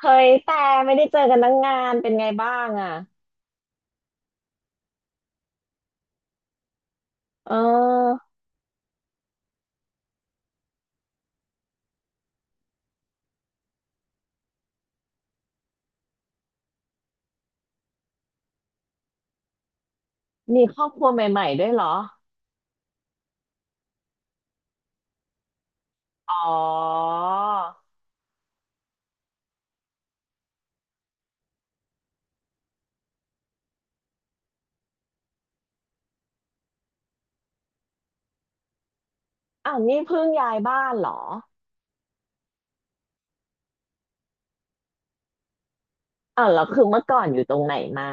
เฮ้ยแต่ไม่ได้เจอกันตั้งงานเป็นไงบ้างอ่ะเออมีครอบครัวใหม่ๆด้วยเหรออ๋ออ้าวนี่เพิ่งย้ายบ้านเหรออ้าวแล้วคือเมื่อก่อนอยู่ตรงไหนมา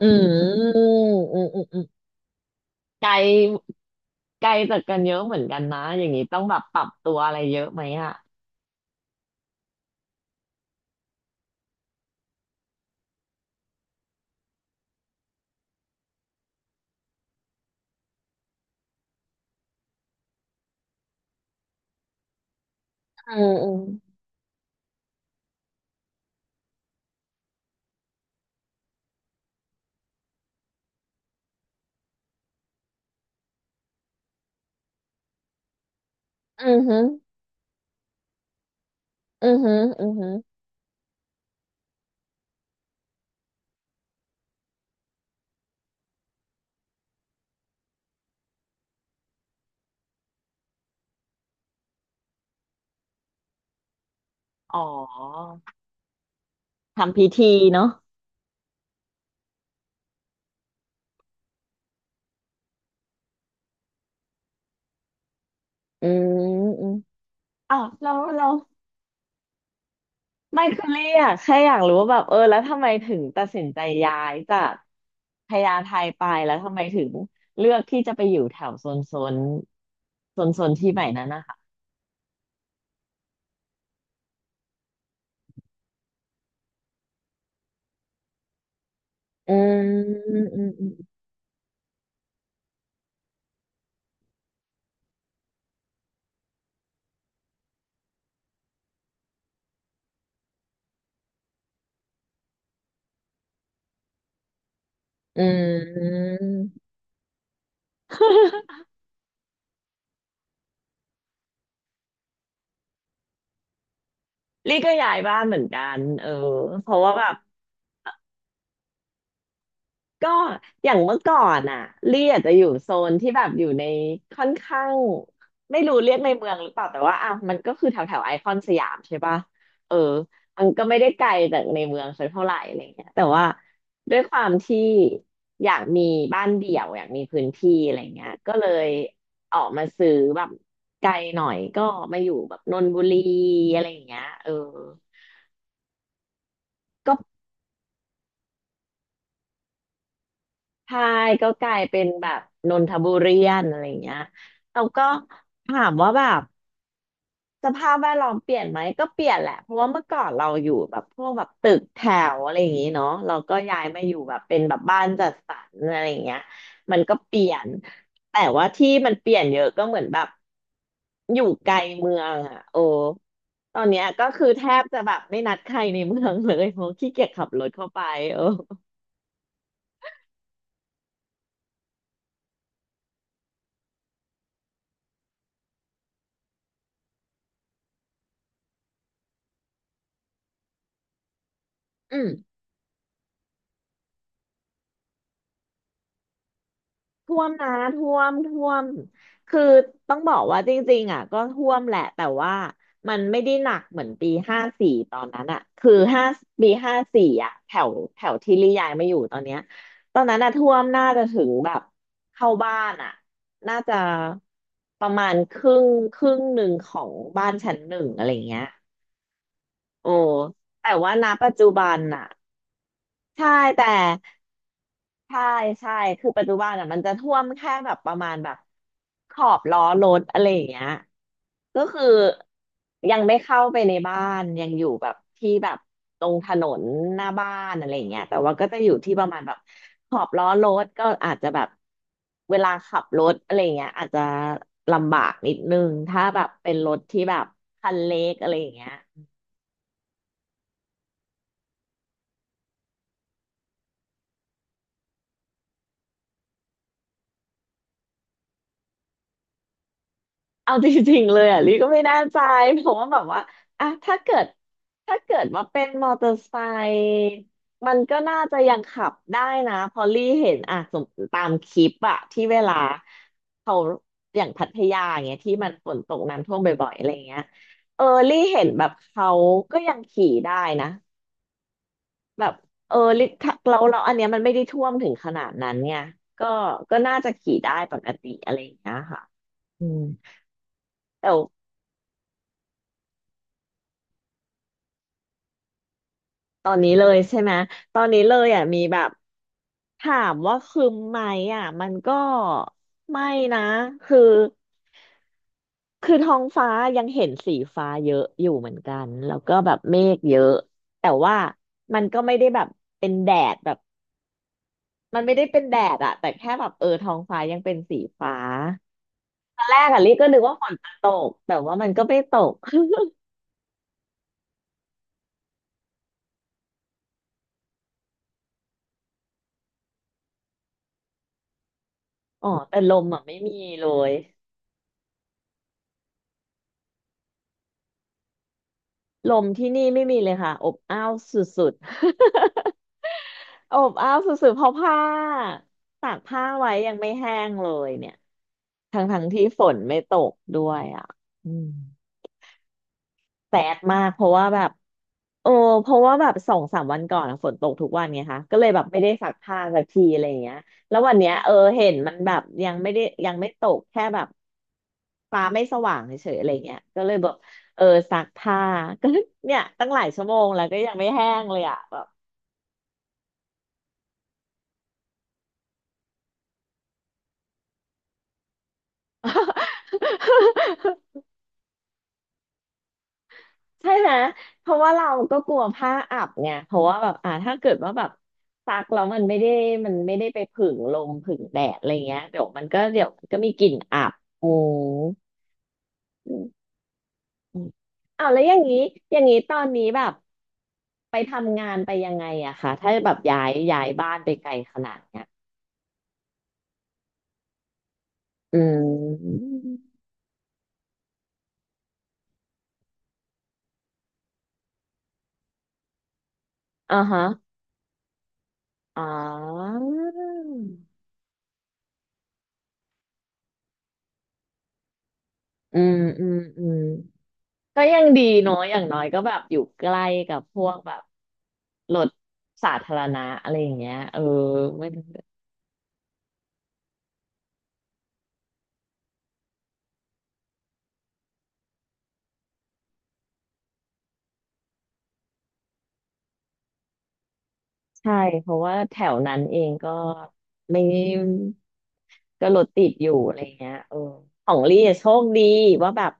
อืมอืมอืมอืมอไกลไกลจากกันเยอะเหมือนกันนะอย่างนี้ต้องแบบปรับตัวอะไรเยอะไหมอ่ะอืมอืมอืมฮึอืมฮึอืมฮึอ๋อทำพิธีเนาะอืมอืมอ้าวแล้วแล้ว ไม่คือเรียกแค่อยากรู้ว่าแบบเออแล้วทำไมถึงตัดสินใจย้ายจากพญาไทไปแล้วทำไมถึงเลือกที่จะไปอยู่แถวโซนโซนที่ใหม่นั้นนะคะอืมอืมอืมอืม ลี่ก็ย้ายบ้านเหมือนกันเออเพราะว่าแบบ ก็อย่างเมื่อก่อนอ่ะลี่อาจจะอยู่โซนที่แบบอยู่ในค่อนข้างไม่รู้เรียกในเมืองหรือเปล่าแต่ว่าอ่ะมันก็คือแถวแถวไอคอนสยามใช่ปะเออมันก็ไม่ได้ไกลจากในเมืองสักเท่าไหร่อะไรเงี้ยแต่ว่าด้วยความที่อยากมีบ้านเดี่ยวอยากมีพื้นที่อะไรเงี้ยก็เลยออกมาซื้อแบบไกลหน่อยก็มาอยู่แบบนนทบุรีอะไรอย่างเงี้ยเออ ใช่ก็กลายเป็นแบบนนทบุรีนอะไรอย่างเงี้ยเราก็ถามว่าแบบสภาพแวดล้อมเปลี่ยนไหมก็เปลี่ยนแหละเพราะว่าเมื่อก่อนเราอยู่แบบพวกแบบตึกแถวอะไรอย่างงี้เนาะเราก็ย้ายมาอยู่แบบเป็นแบบบ้านจัดสรรอะไรอย่างเงี้ยมันก็เปลี่ยนแต่ว่าที่มันเปลี่ยนเยอะก็เหมือนแบบอยู่ไกลเมืองอ่ะโอ้ตอนเนี้ยก็คือแทบจะแบบไม่นัดใครในเมืองเลยเพราะขี้เกียจขับรถเข้าไปเอออืม ท่วมนะท่วมคือต้องบอกว่าจริงๆอ่ะก็ท่วมแหละแต่ว่ามันไม่ได้หนักเหมือนปีห้าสี่ตอนนั้นอ่ะคือปีห้าสี่อ่ะแถวแถวที่ลี่ยายมาอยู่ตอนเนี้ยตอนนั้นอ่ะท่วมน่าจะถึงแบบเข้าบ้านอ่ะน่าจะประมาณครึ่งหนึ่งของบ้านชั้นหนึ่งอะไรเงี้ยโอ้แต่ว่าณปัจจุบันอ่ะใช่แต่ ใช่ใช่คือปัจจุบันอ่ะมันจะท่วมแค่แบบประมาณแบบขอบล้อรถอะไรอย่างเงี้ยก็คือยังไม่เข้าไปในบ้านยังอยู่แบบที่แบบตรงถนนหน้าบ้านอะไรอย่างเงี้ยแต่ว่าก็จะอยู่ที่ประมาณแบบขอบล้อรถก็อาจจะแบบเวลาขับรถอะไรอย่างเงี้ยอาจจะลำบากนิดนึงถ้าแบบเป็นรถที่แบบคันเล็กอะไรอย่างเงี้ย เอาจริงๆเลยอ่ะลี่ก็ไม่แน่ใจเพราะว่าแบบว่าอ่ะถ้าเกิดว่าเป็นมอเตอร์ไซค์มันก็น่าจะยังขับได้นะเพอลี่เห็นอ่ะสมตามคลิปอ่ะที่เวลาเขาอย่างพัทยาอย่างเงี้ยที่มันฝนตกน้ำท่วมบ่อยๆอะไรเงี้ยเออลี่เห็นแบบเขาก็ยังขี่ได้นะแบบเออลี่ถ้าเราอันเนี้ยมันไม่ได้ท่วมถึงขนาดนั้นเนี่ยก็ก็น่าจะขี่ได้ปกติอะไรอย่างเงี้ยค่ะอืม ตอนนี้เลยใช่ไหมตอนนี้เลยอ่ะมีแบบถามว่าคืมไหมอ่ะมันก็ไม่นะคือคือท้องฟ้ายังเห็นสีฟ้าเยอะอยู่เหมือนกันแล้วก็แบบเมฆเยอะแต่ว่ามันก็ไม่ได้แบบเป็นแดดแบบมันไม่ได้เป็นแดดอะแต่แค่แบบเออท้องฟ้ายังเป็นสีฟ้าตอนแรกอ่ะลิก็นึกว่าฝนจะตกแต่ว่ามันก็ไม่ตก อ๋อแต่ลมอะไม่มีเลยลมที่นี่ไม่มีเลยค่ะอบอ้าวสุดๆ อบอ้าวสุดๆเพราะผ้าตากผ้าไว้ยังไม่แห้งเลยเนี่ยทั้งที่ฝนไม่ตกด้วยอ่ะอืมแสบมากเพราะว่าแบบโอ้เพราะว่าแบบสองสามวันก่อนอะฝนตกทุกวันไงคะก็เลยแบบไม่ได้ซักผ้าสักทีอะไรอย่างเงี้ยแล้ววันเนี้ยเออเห็นมันแบบยังไม่ได้ยังไม่ตกแค่แบบฟ้าไม่สว่างเฉยๆอะไรเงี้ยก็เลยแบบเออซักผ้า ก็เนี่ยตั้งหลายชั่วโมงแล้วก็ยังไม่แห้งเลยอ่ะแบบ ใช่ไหม เพราะว่าเราก็กลัวผ้าอับไงเพราะว่าแบบอ่าถ้าเกิดว่าแบบซักแล้วมันไม่ได้ไปผึ่งลมผึ่งแดดอะไรเงี้ยเดี๋ยวมันก็มีกลิ่นอับโอ้อืมอืมอ้าวแล้วอย่างนี้อย่างนี้ตอนนี้แบบไปทำงานไปยังไงอะคะถ้าแบบย้ายบ้านไปไกลขนาดเนี้ยอืมอ่าฮะอ๋ออืมอืมอืม ก็ยังดีเนาะอย่างน้อยก็แบบอยู่ใกล้กับพวกแบบรถสาธารณะอะไรอย่างเงี้ยเออไม่ใช่เพราะว่าแถวนั้นเองก็ไม่ก็รถติดอยู่อะไรอย่างเงี้ยเออของลี่อะโชคดีว่าแบบ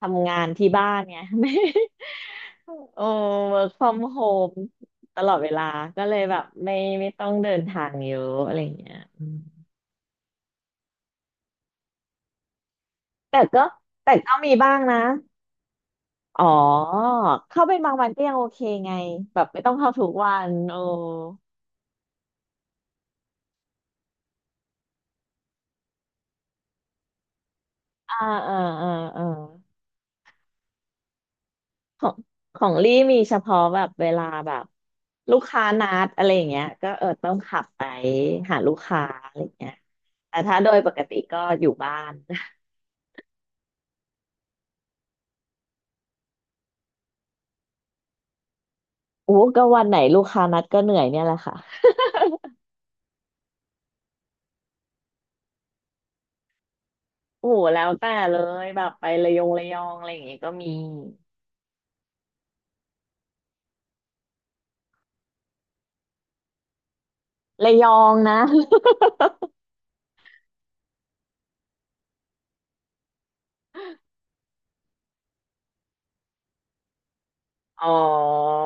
ทำงานที่บ้านเนี่ย ไม่โอ้ work from home ตลอดเวลาก็เลยแบบไม่ต้องเดินทางเยอะอะไรอย่างเงี้ยอืมแต่ก็แต่ก็มีบ้างนะ อ๋อเข้าเป็นบางวันก็ยังโอเคไงแบบไม่ต้องเข้าทุกวันโอ้อ่าเออเออเออของของลี่มีเฉพาะแบบเวลาแบบลูกค้านัดอะไรอย่างเงี้ยก็เออต้องขับไปหาลูกค้าอะไรอย่างเงี้ยแต่ถ้าโดยปกติก็อยู่บ้าน โอ้ก็วันไหนลูกค้านัดก็เหนื่อยเนี่ยแหละค่ะโอ้โหแล้วแต่เลยแบบไประยองอะไรอย่างงี้ก็มีระยองนะ อ๋อ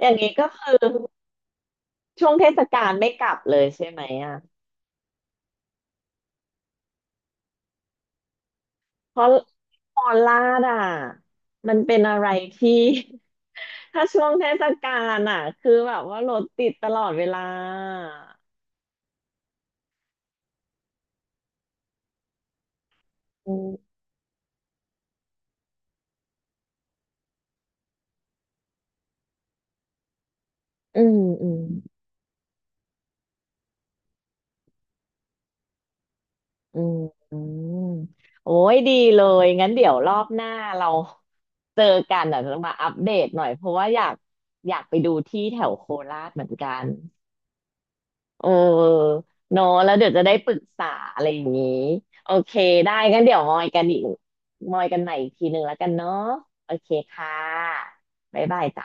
อย่างนี้ก็คือ ช่วงเทศกาลไม่กลับเลยใช่ไหมอ่ะ เพราะมอลลาดอ่ะมันเป็นอะไรที่ ถ้าช่วงเทศกาลอ่ะคือแบบว่ารถติดตลอดเวลาอืมอืมอืมอืมอืมโอ้ยดีเลยงั้นเดี๋ยวรอบหน้าเราเจอกันอ่ะจะมาอัปเดตหน่อยเพราะว่าอยากอยากไปดูที่แถวโคราชเหมือนกัน เออเนอะแล้วเดี๋ยวจะได้ปรึกษาอะไรอย่างนี้ โอเค ได้งั้นเดี๋ยวมอยกันอีกมอยกันใหม่อีกทีหนึ่งแล้วกันเนาะโอเคค่ะบ๊ายบายจ้ะ